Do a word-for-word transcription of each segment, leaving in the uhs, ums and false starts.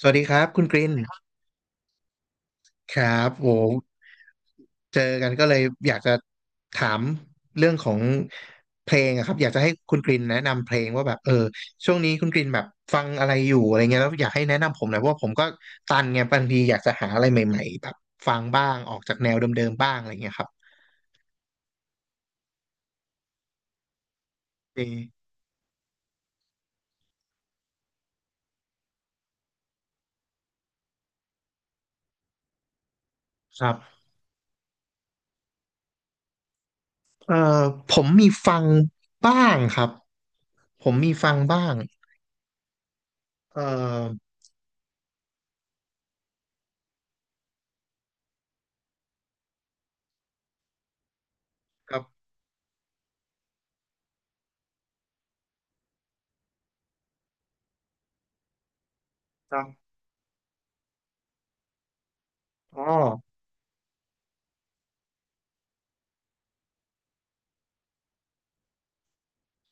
สวัสดีครับคุณกรินครับโหเจอกันก็เลยอยากจะถามเรื่องของเพลงอะครับอยากจะให้คุณกรินแนะนำเพลงว่าแบบเออช่วงนี้คุณกรินแบบฟังอะไรอยู่อะไรเงี้ยแล้วอยากให้แนะนำผมหน่อยเพราะว่าผมก็ตันไงบางทีอยากจะหาอะไรใหม่ๆแบบฟังบ้างออกจากแนวเดิมๆบ้างอะไรเงี้ยครับเอครับเอ่อผมมีฟังบ้างครับผมมีฟังบ้างเอ่อครับครับอ๋อ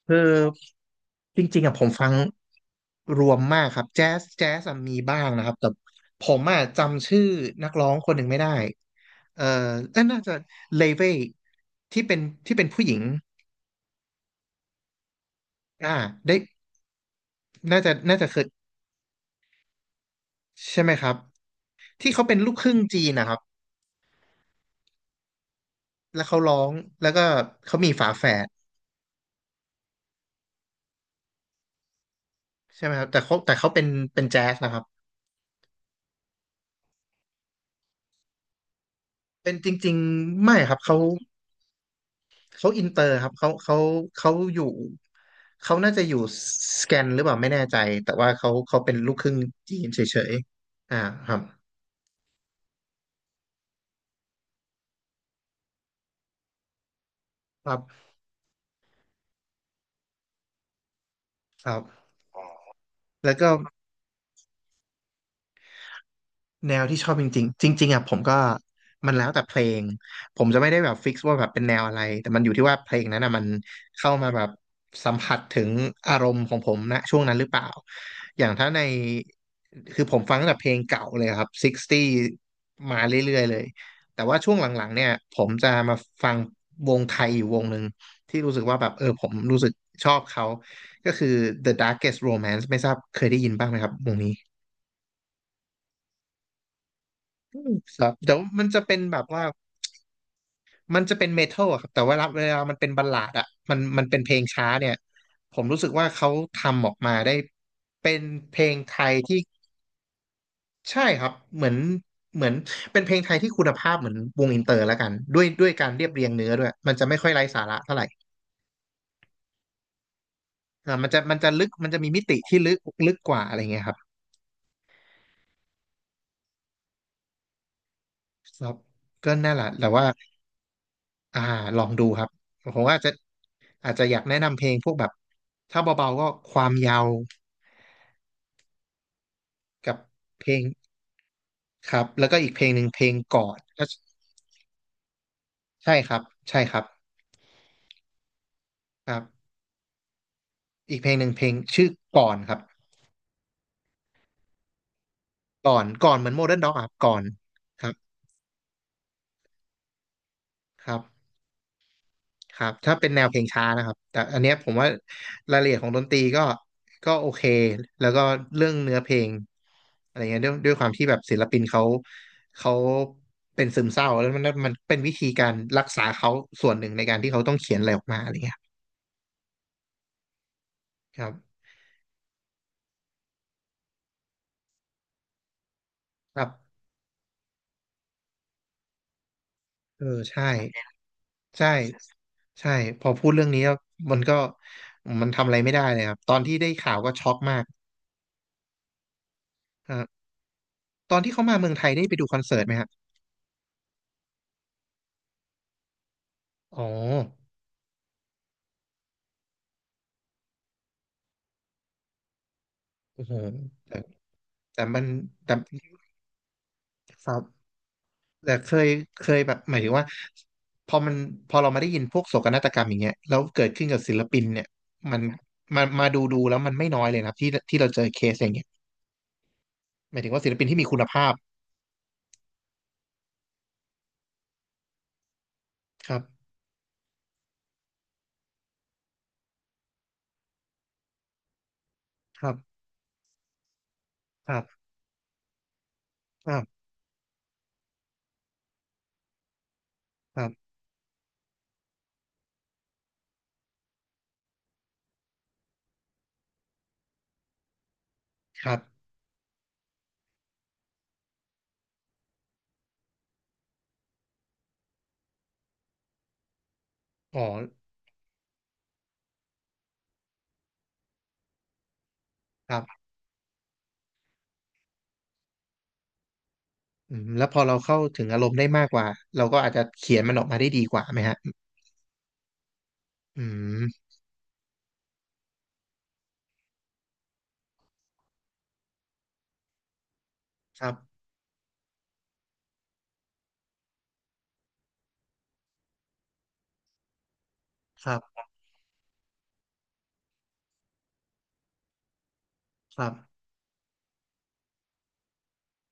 คือจริงๆอะผมฟังรวมมากครับแจ๊สแจ๊สอะมีบ้างนะครับแต่ผมอะจำชื่อนักร้องคนหนึ่งไม่ได้เออเอ้ยน่าจะเลเวที่เป็นที่เป็นผู้หญิงอ่าได้น่าจะน่าจะเคยใช่ไหมครับที่เขาเป็นลูกครึ่งจีนนะครับแล้วเขาร้องแล้วก็เขามีฝาแฝดใช่ไหมครับแต่เขาแต่เขาเป็นเป็นแจ๊สนะครับเป็นจริงๆไม่ครับเขา เขาอินเตอร์ครับเขาเขาเขาอยู่เขาน่าจะอยู่สแกนหรือเปล่าไม่แน่ใจแต่ว่าเขาเขาเป็นลูกครึ่งจีนเฉยๆอ่าครับครับครับแล้วก็ แนวที่ชอบจริงๆจริงๆอ่ะผมก็มันแล้วแต่เพลงผมจะไม่ได้แบบฟิกซ์ว่าแบบเป็นแนวอะไรแต่มันอยู่ที่ว่าเพลงนั้นอ่ะมันเข้ามาแบบสัมผัสถึงอารมณ์ของผมนะช่วงนั้นหรือเปล่าอย่างถ้าในคือผมฟังตั้งแต่เพลงเก่าเลยครับหกสิบมาเรื่อยๆเลยแต่ว่าช่วงหลังๆเนี่ยผมจะมาฟังวงไทยอยู่วงหนึ่งที่รู้สึกว่าแบบเออผมรู้สึกชอบเขาก็คือ The Darkest Romance ไม่ทราบเคยได้ยินบ้างไหมครับวงนี้ ครับแต่ว่ามันจะเป็นแบบว่ามันจะเป็นเมทัลอะครับแต่ว่าเวลามันเป็นบัลลาดอะมันมันเป็นเพลงช้าเนี่ยผมรู้สึกว่าเขาทำออกมาได้เป็นเพลงไทยที่ใช่ครับเหมือนเหมือนเป็นเพลงไทยที่คุณภาพเหมือนวงอินเตอร์แล้วกันด้วยด้วยการเรียบเรียงเนื้อด้วยมันจะไม่ค่อยไร้สาระเท่าไหร่อ่ามันจะมันจะลึกมันจะมีมิติที่ลึกลึกกว่าอะไรเงี้ยครับครับก็นั่นแหละแต่ว่า อ่าลองดูครับผมว่าอาจจะอาจจะอยากแนะนำเพลงพวกแบบถ้าเบาๆก็ความยาวกับเพลงครับแล้วก็อีกเพลงหนึ่งเพลงก่อนก็ใช่ครับใช่ครับครับอีกเพลงหนึ่งเพลงชื่อก่อนครับก่อนก่อนเหมือนโมเดิร์นด็อกครับก่อนครับครับ ครับถ้าเป็นแนวเพลงช้านะครับแต่อันเนี้ยผมว่ารายละเอียดของดนตรีก็ก็โอเคแล้วก็เรื่องเนื้อเพลงอะไรเงี้ยด้วยด้วยความที่แบบศิลปินเขาเขาเป็นซึมเศร้าแล้วมันมันเป็นวิธีการรักษาเขาส่วนหนึ่งในการที่เขาต้องเขียนอะไรออกมาอะไรเงี้ยครับครับเออใช่ใช่ใช่พอพูดเรื่องนี้แล้วมันก็มันทำอะไรไม่ได้เลยครับตอนที่ได้ข่าวก็ช็อกมากอ่าตอนที่เขามาเมืองไทยได้ไปดูคอนเสิร์ตไหมครับอ๋อโอ้โห แต่มันแต่ครับแต่เคยเคยแบบหมายถึงว่าพอมันพอเรามาได้ยินพวกโศกนาฏกรรมอย่างเงี้ยแล้วเกิดขึ้นกับศิลปินเนี่ยมันมามาดูดูแล้วมันไม่น้อยเลยนะครับที่ที่เราเจอเคสอย่างเงี้ยหมายถึงว่าศิลปินที่มีคุณภาพครับครับครับครับครับครับอ๋อครับอืมแล้วพอเราเข้าถึงอารมณ์ได้มากกว่าเราก็อาจจะเขียนมันออกมาได้ดีกว่าไหมฮะอืมครับครับครับ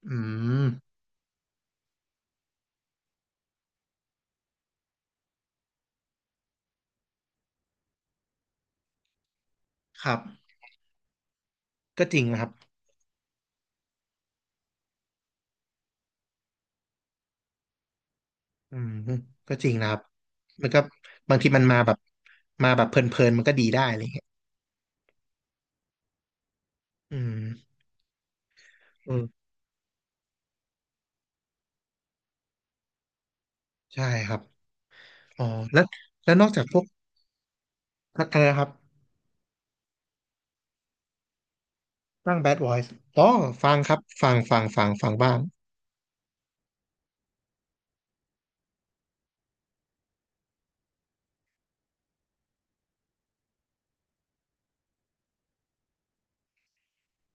อืมครับก็จริงนะครับ อืมก็จริงนะครับมันก็บางทีมันมาแบบมาแบบเพลินๆมันก็ดีได้อะไรเงี้ยอืมเออใช่ครับอ๋อแล้วแล้วนอกจากพวกอะไรนะครับฟัง Bad Boys อ๋อฟังครับฟังฟังฟังฟังบ้าง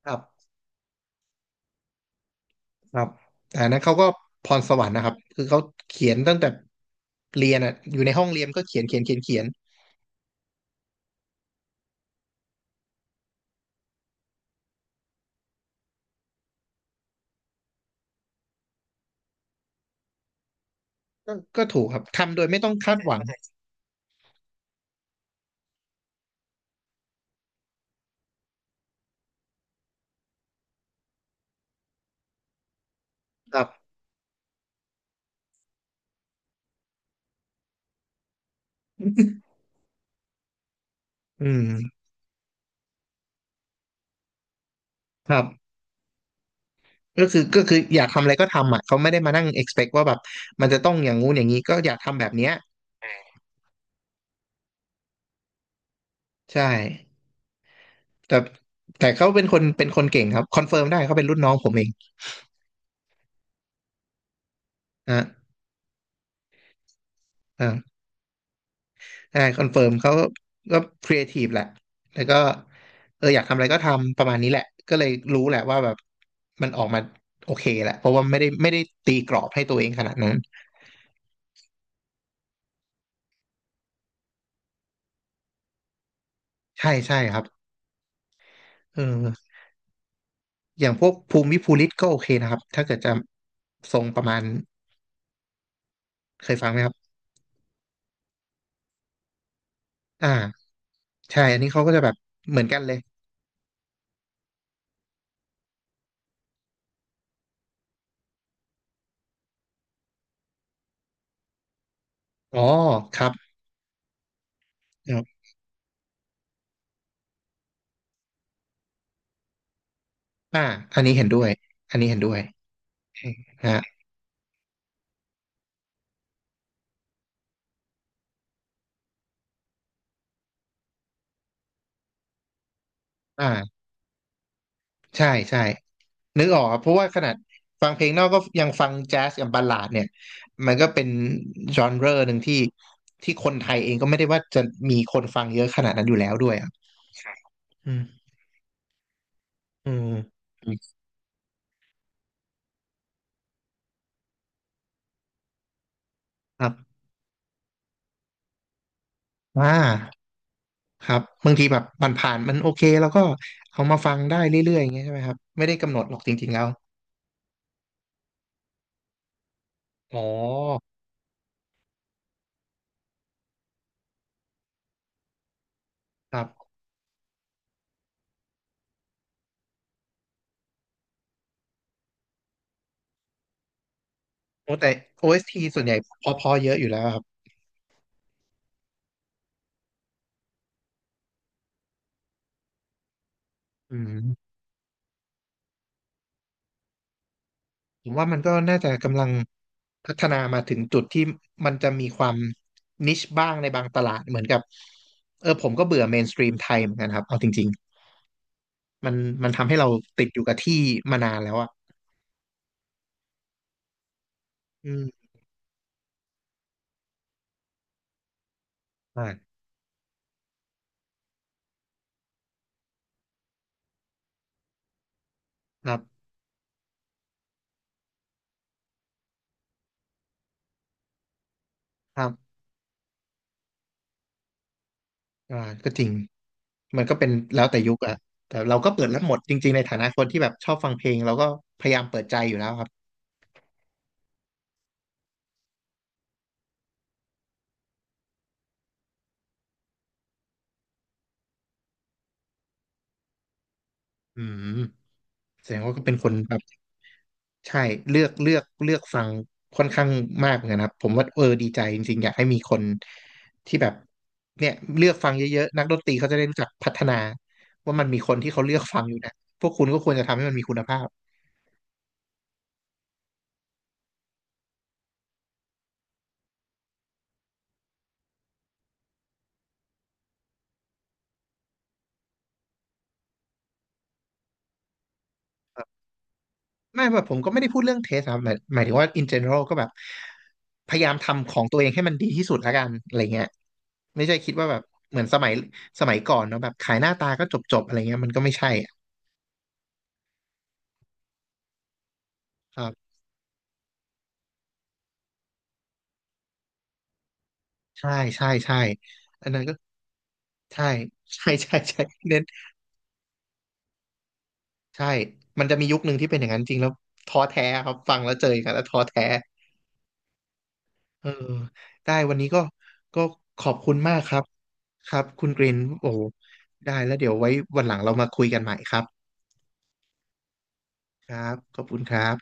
ครับครับแต่อันนั้นเขาก็พรสวรรค์นะครับคือเขาเขียนตั้งแต่เรียนอ่ะอยู่ในห้องเรียนก็เขียนเขียนเขียนเขียนก็ก็ถูกครับทำโดยไม่ต้องคาดหวังครับ อืมครับ ก็คือก็คืออยากทำอะไรก็ทำอ่ะเขาไม่ได้มานั่ง expect ว่าแบบมันจะต้องอย่างงู้นอย่างนี้ก็อยากทำแบบเนี้ยใช่แต่แต่เขาเป็นคนเป็นคนเก่งครับคอนเฟิร์มได้เขาเป็นรุ่นน้องผมเองอ่ะอ่าได้คอนเฟิร์มเขาก็ครีเอทีฟแหละแล้วก็เอออยากทำอะไรก็ทำประมาณนี้แหละก็เลยรู้แหละว่าแบบมันออกมาโอเคแหละเพราะว่าไม่ได้ไม่ได้ตีกรอบให้ตัวเองขนาดนั้นใช่ใช่ครับเอออย่างพวกภูมิภูริตก็โอเคนะครับถ้าเกิดจะทรงประมาณเคยฟังไหมครับ อ่าใช่อันนี้เขาก็จะแบบเหมือนกันเลยอ๋อครับครับอ่าอันนี้เห็นด้วยอันนี้เห็นด้วยฮะอ่าใช่ใช่นึกออกอะเพราะว่าขนาดฟังเพลงนอกก็ยังฟังแจ๊สกับบัลลาดเนี่ยมันก็เป็นจอนเรอหนึ่งที่ที่คนไทยเองก็ไม่ได้ว่าจะมีคนฟังเยอะขนาดนั้นอยู่แล้วด้วยอะอืมอืมครับอ่าครับบางทีแบบมันผ่านมันโอเคแล้วก็เอามาฟังได้เรื่อยๆอย่างเงี้ยใช่ไหมครับไม่ได้กำหนดหรอกจริงๆแล้วอ๋อ ครับโอ้แต่ โอ เอส ที สทีส่วนใหญ่เพอๆเยอะอยู่แล้วครับอืมผมว่ามันก็น่าจะกำลังพัฒนามาถึงจุดที่มันจะมีความนิชบ้างในบางตลาดเหมือนกับเออผมก็เบื่อเมนสตรีมไทยเหมือนกันครับเอาจริงๆมันมันทำให้เราติดอยู่กับที่มานานแล้วอ่ะอืมอ่าครับครับอ่าก็จริง มันก็เป็นแล้วแต่ยุคอะแต่เราก็เปิดรับหมดจริงๆในฐานะคนที่แบบชอบฟังเพลงเราก็พยายามเปิดใจอยู่แล้วครับ อืมแสดงว่าก็เป็นคนแบบใช่เลือกเลือกเลือกฟังค่อนข้างมากเหมือนกันครับผมว่าเออดีใจจริงๆอยากให้มีคนที่แบบเนี่ยเลือกฟังเยอะๆนักดนตรีเขาจะได้รู้จักพัฒนาว่ามันมีคนที่เขาเลือกฟังอยู่นะพวกคุณก็ควรจะทำให้มันมีคุณภาพไม่แบบผมก็ไม่ได้พูดเรื่องเทสครับหมายหมายถึงว่า in general ก็แบบพยายามทำของตัวเองให้มันดีที่สุดละกันอะไรเงี้ยไม่ใช่คิดว่าแบบเหมือนสมัยสมัยก่อนเนาะแบบขายหน้าตาก็จบๆอะไรเงี้ยมันก็ไม่ใช่อะ ใช่ใช่ใช่อันนั้นก็ใช่ใช่ใช่ใช่เน้นใช่มันจะมียุคหนึ่งที่เป็นอย่างนั้นจริงแล้วท้อแท้ครับฟังแล้วเจอกันแล้วท้อแท้เออได้วันนี้ก็ก็ขอบคุณมากครับครับคุณกรินโอ้โหได้แล้วเดี๋ยวไว้วันหลังเรามาคุยกันใหม่ครับครับขอบคุณครับ